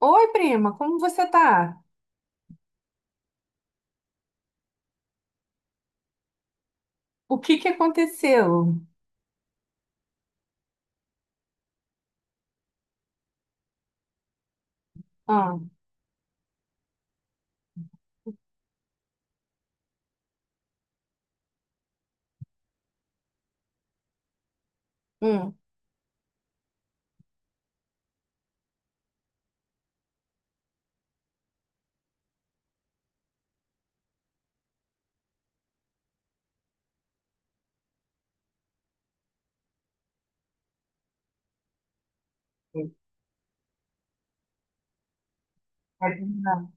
Oi, prima, como você tá? O que que aconteceu? Ah, hum. É verdade.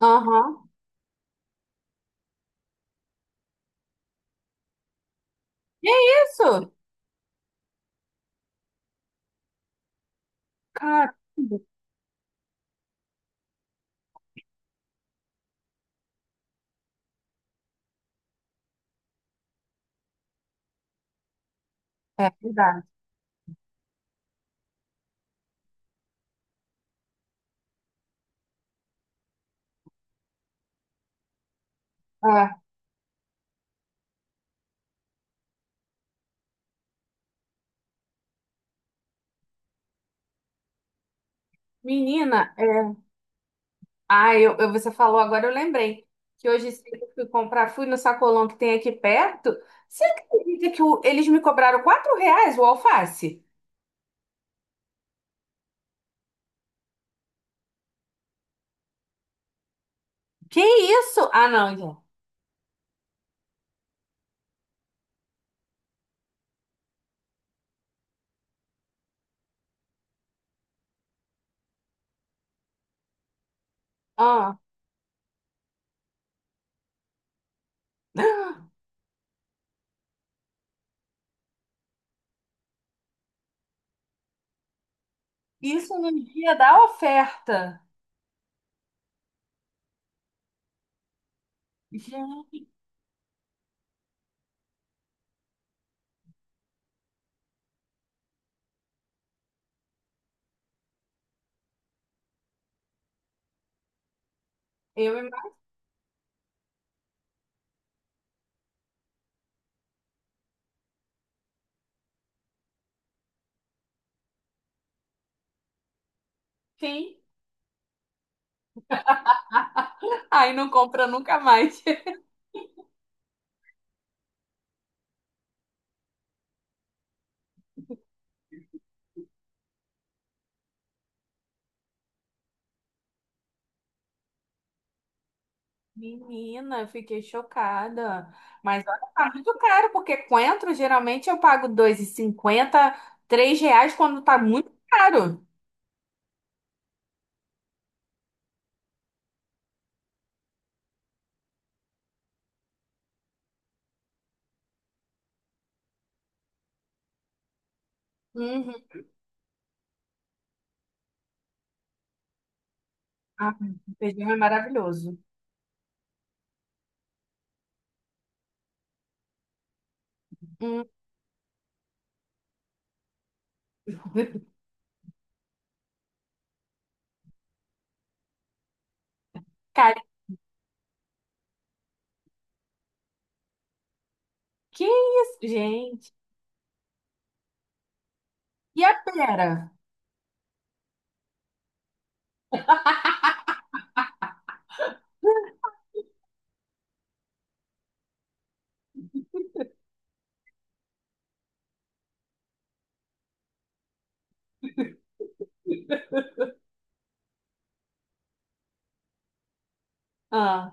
Aham. Que isso? Caramba. É verdade. É. Menina, é. Ah, você falou agora, eu lembrei que hoje cedo eu fui comprar, fui no sacolão que tem aqui perto. Você acredita que eles me cobraram R$ 4 o alface? Que isso? Ah, não, gente. Ah. Isso no dia da oferta. Gente, eu imagino. Aí não compra nunca mais. Menina, eu fiquei chocada. Mas olha, tá muito caro, porque coentro geralmente eu pago 2,50, R$ 3 quando tá muito caro. Uhum. Ah, o feijão é maravilhoso. Hum. Cara, que isso, gente? E a pera? Ah,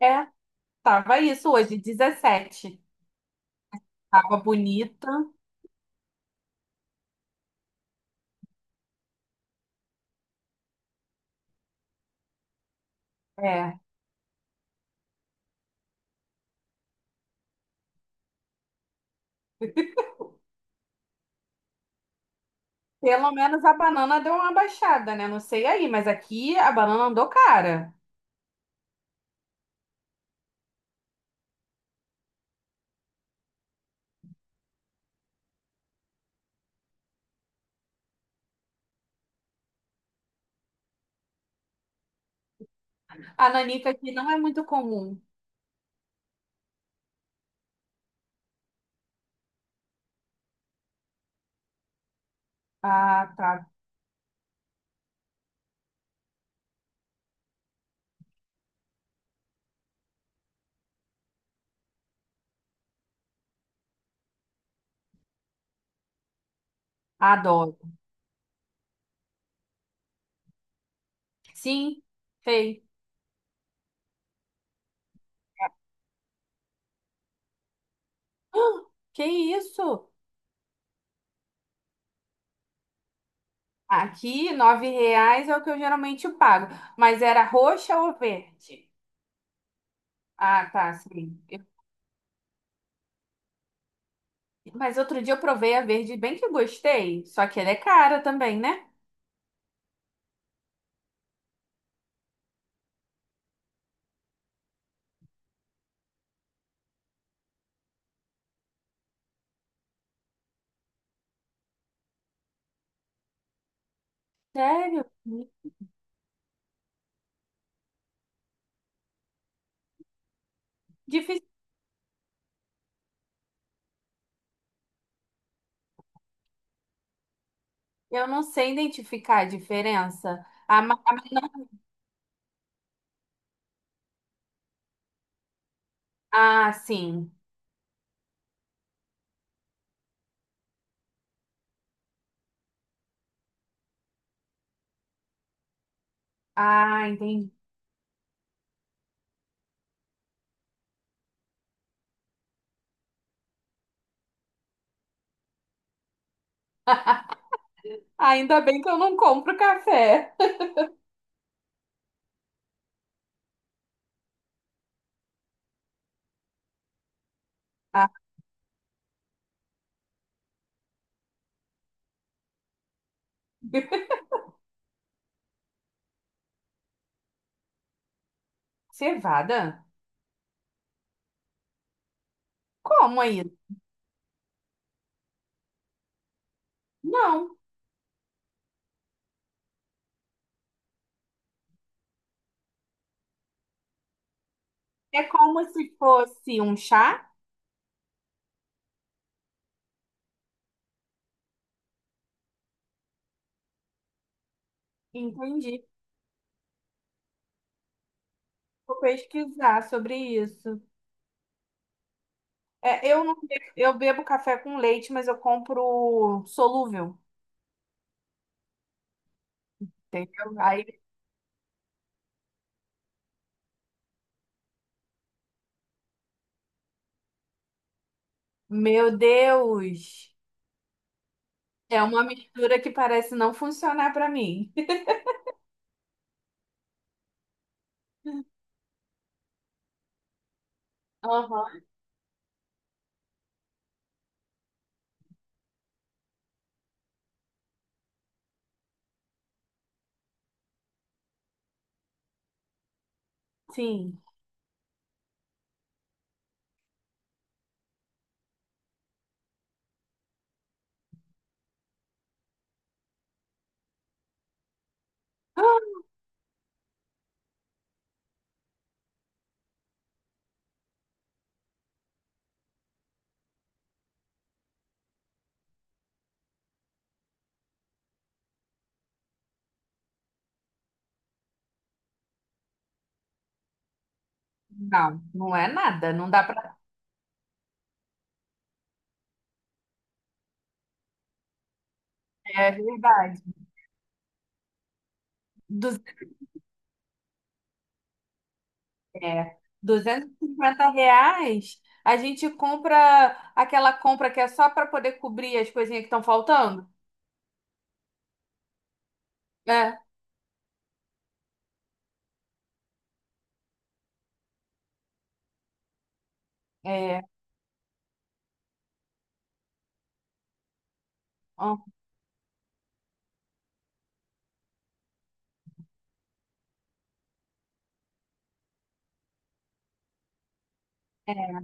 é, tava isso hoje, 17. Tava bonita. É. Pelo menos a banana deu uma baixada, né? Não sei aí, mas aqui a banana andou cara. A nanica aqui não é muito comum. Ah, tá. Adoro. Sim, sei. Ah, que isso? Aqui, R$ 9 é o que eu geralmente pago. Mas era roxa ou verde? Ah, tá, sim. Eu- Mas outro dia eu provei a verde, bem que eu gostei. Só que ela é cara também, né? Sério? Difícil. Eu não sei identificar a diferença. A ma- Ah, sim. Ah, entendi. Ainda bem que eu não compro café. Ah, cevada? Como aí? Não. É como se fosse um chá? Entendi. Vou pesquisar sobre isso. É, eu não, be- eu bebo café com leite, mas eu compro solúvel, entendeu? Aí, meu Deus, é uma mistura que parece não funcionar para mim. Aham. Sim. Ah, não, não é nada. Não dá para. É verdade. É, R$ 250, a gente compra aquela compra que é só para poder cobrir as coisinhas que estão faltando. É, é, ó, é,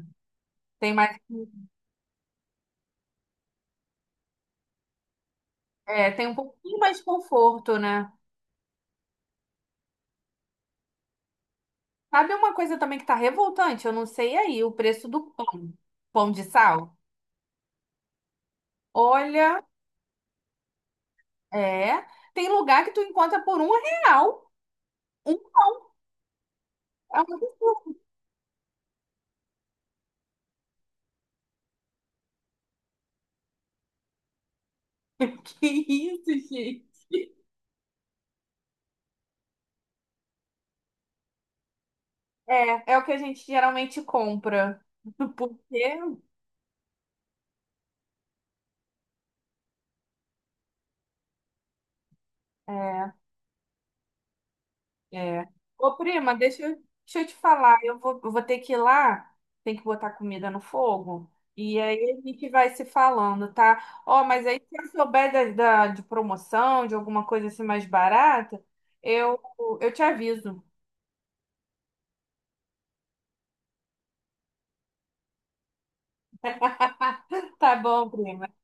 tem mais, é, tem um pouquinho mais de conforto, né? Sabe uma coisa também que tá revoltante? Eu não sei aí, o preço do pão, pão de sal. Olha, é, tem lugar que tu encontra por um real. Um, é um absurdo. Que isso, gente? É, é o que a gente geralmente compra. porque é É. Ô, prima, deixa eu te falar. Eu vou ter que ir lá, tem que botar comida no fogo. E aí a gente vai se falando, tá? Ó, mas aí se eu souber de promoção, de alguma coisa assim mais barata, eu, eu te aviso. Tá bom, prima.